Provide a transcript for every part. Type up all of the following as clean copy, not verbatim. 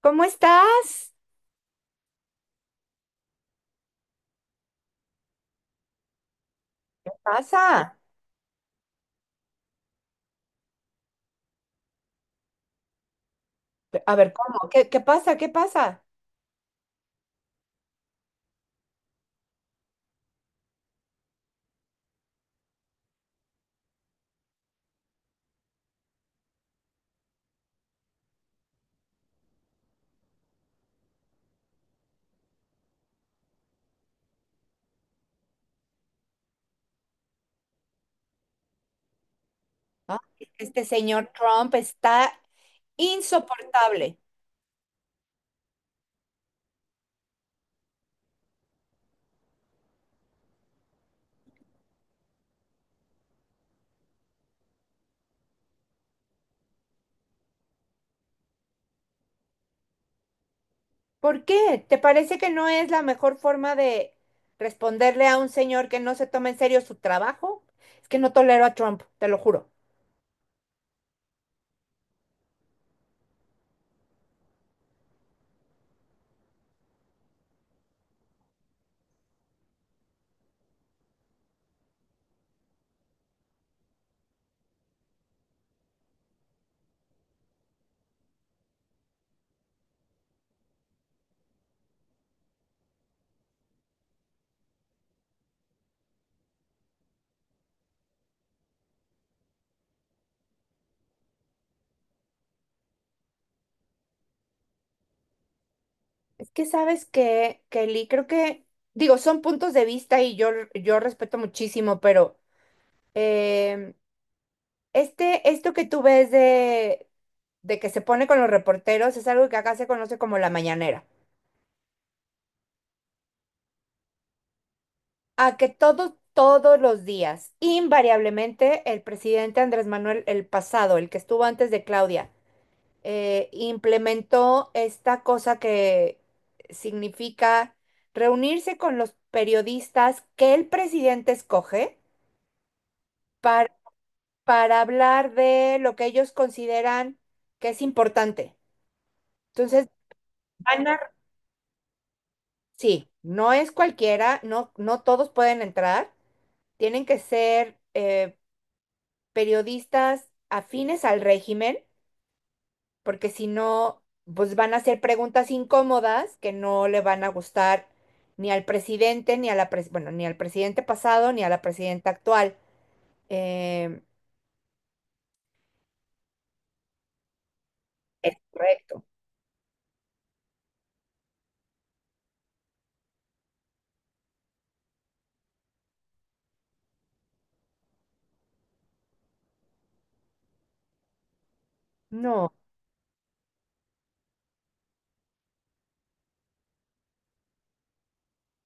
¿Cómo estás? ¿Qué pasa? A ver, ¿cómo? ¿Qué pasa? ¿Qué pasa? Ah, este señor Trump está insoportable. ¿Por qué? ¿Te parece que no es la mejor forma de responderle a un señor que no se toma en serio su trabajo? Es que no tolero a Trump, te lo juro. Es que sabes que, Kelly, creo que, digo, son puntos de vista y yo respeto muchísimo, pero em, esto que tú ves de que se pone con los reporteros es algo que acá se conoce como la mañanera. A que todos los días, invariablemente, el presidente Andrés Manuel, el pasado, el que estuvo antes de Claudia, implementó esta cosa que significa reunirse con los periodistas que el presidente escoge para, para hablar de lo que ellos consideran que es importante. Entonces, van a sí, no es cualquiera, no todos pueden entrar, tienen que ser periodistas afines al régimen, porque si no, pues van a hacer preguntas incómodas que no le van a gustar ni al presidente, ni a la pres- bueno, ni al presidente pasado, ni a la presidenta actual. Em, es correcto. No,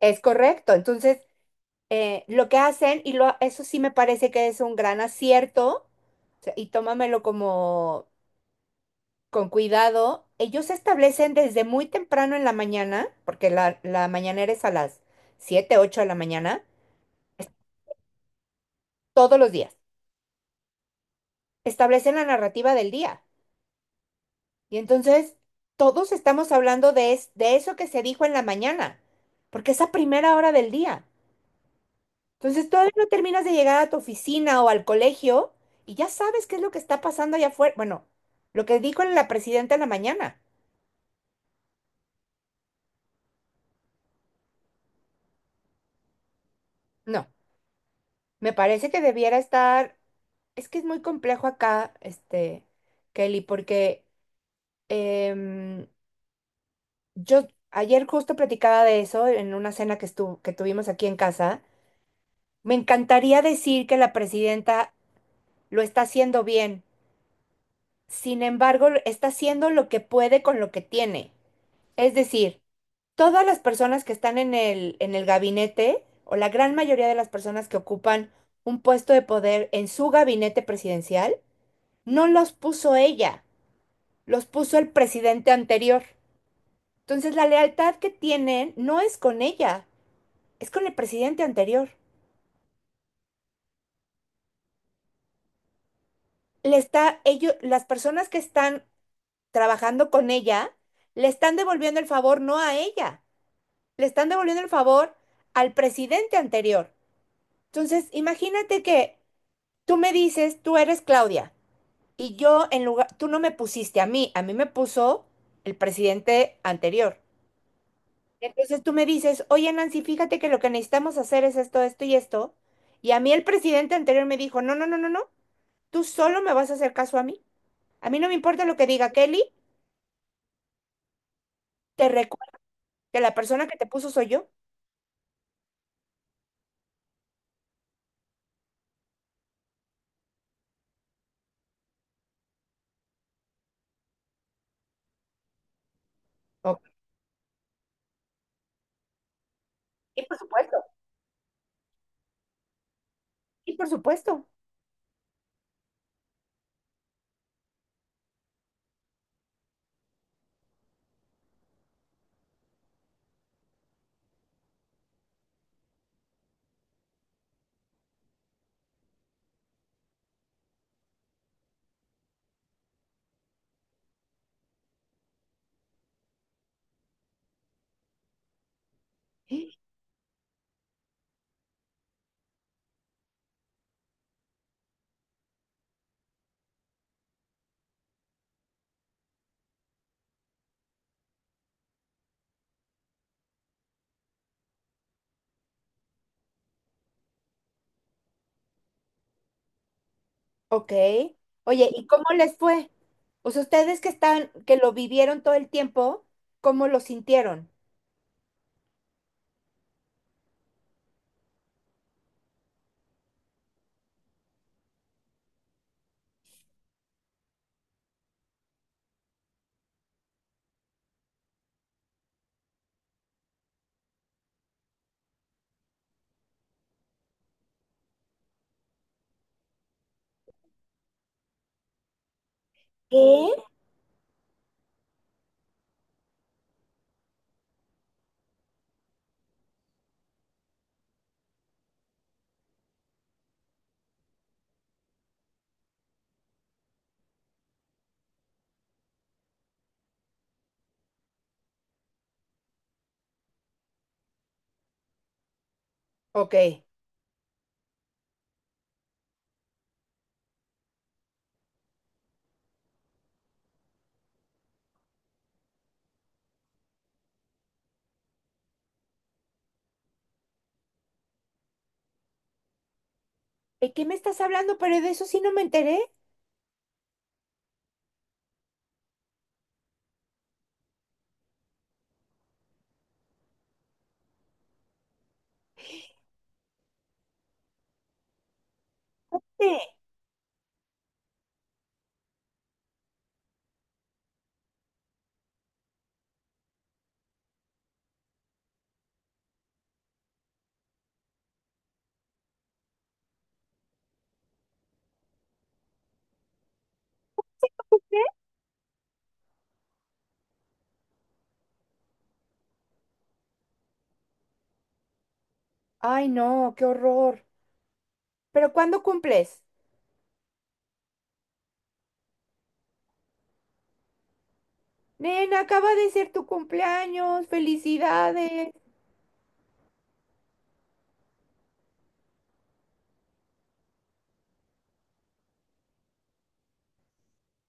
es correcto. Entonces, lo que hacen, y lo, eso sí me parece que es un gran acierto, o sea, y tómamelo como con cuidado, ellos se establecen desde muy temprano en la mañana, porque la mañanera es a las 7, 8 de la mañana, todos los días. Establecen la narrativa del día. Y entonces todos estamos hablando de, es- de eso que se dijo en la mañana, porque es a primera hora del día. Entonces todavía no terminas de llegar a tu oficina o al colegio y ya sabes qué es lo que está pasando allá afuera. Bueno, lo que dijo la presidenta en la mañana. No. Me parece que debiera estar, es que es muy complejo acá, este, Kelly, porque em, yo ayer justo platicaba de eso en una cena que estu- que tuvimos aquí en casa. Me encantaría decir que la presidenta lo está haciendo bien. Sin embargo, está haciendo lo que puede con lo que tiene. Es decir, todas las personas que están en en el gabinete, o la gran mayoría de las personas que ocupan un puesto de poder en su gabinete presidencial, no los puso ella, los puso el presidente anterior. Entonces la lealtad que tienen no es con ella, es con el presidente anterior. Le está, ellos, las personas que están trabajando con ella, le están devolviendo el favor no a ella, le están devolviendo el favor al presidente anterior. Entonces, imagínate que tú me dices, tú eres Claudia, y yo en lugar, tú no me pusiste a mí me puso el presidente anterior. Entonces tú me dices, oye Nancy, fíjate que lo que necesitamos hacer es esto, esto y esto. Y a mí el presidente anterior me dijo, no, no, no, no, no, tú solo me vas a hacer caso a mí. A mí no me importa lo que diga Kelly, te recuerdo que la persona que te puso soy yo. Ok. Y por supuesto, y por supuesto. Ok. Oye, ¿y cómo les fue? Pues ustedes que están, que lo vivieron todo el tiempo, ¿cómo lo sintieron? ¿Qué? Ok. ¿De qué me estás hablando? Pero de eso sí no me enteré. Sí. Ay, no, qué horror. ¿Pero cuándo cumples? Nena, acaba de ser tu cumpleaños. ¡Felicidades!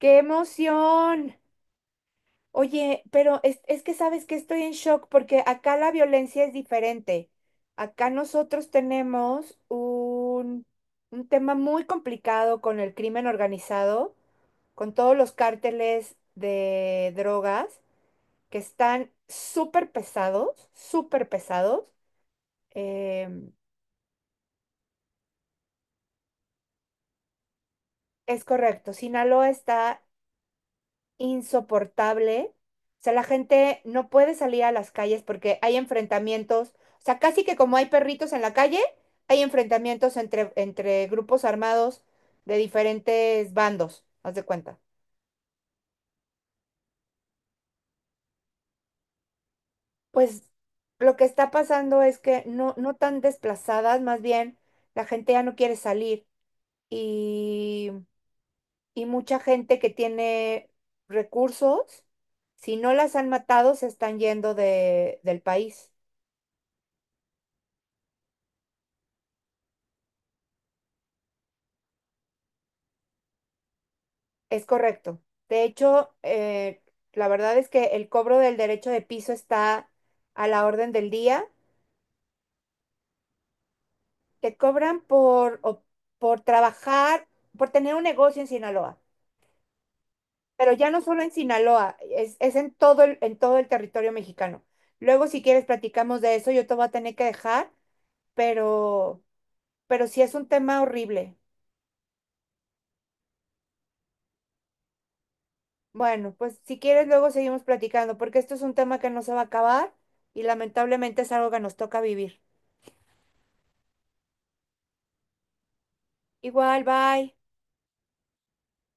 ¡Qué emoción! Oye, pero es que sabes que estoy en shock porque acá la violencia es diferente. Acá nosotros tenemos un tema muy complicado con el crimen organizado, con todos los cárteles de drogas que están súper pesados, súper pesados. Em, es correcto, Sinaloa está insoportable. O sea, la gente no puede salir a las calles porque hay enfrentamientos. O sea, casi que como hay perritos en la calle, hay enfrentamientos entre grupos armados de diferentes bandos, haz de cuenta. Pues lo que está pasando es que no, no tan desplazadas, más bien la gente ya no quiere salir y, y mucha gente que tiene recursos, si no las han matado, se están yendo de, del país. Es correcto. De hecho, la verdad es que el cobro del derecho de piso está a la orden del día. Te cobran por, o- por trabajar, por tener un negocio en Sinaloa, pero ya no solo en Sinaloa, es en todo en todo el territorio mexicano. Luego, si quieres, platicamos de eso. Yo te voy a tener que dejar, pero, pero sí es un tema horrible. Bueno, pues si quieres, luego seguimos platicando, porque esto es un tema que no se va a acabar y lamentablemente es algo que nos toca vivir. Igual, bye.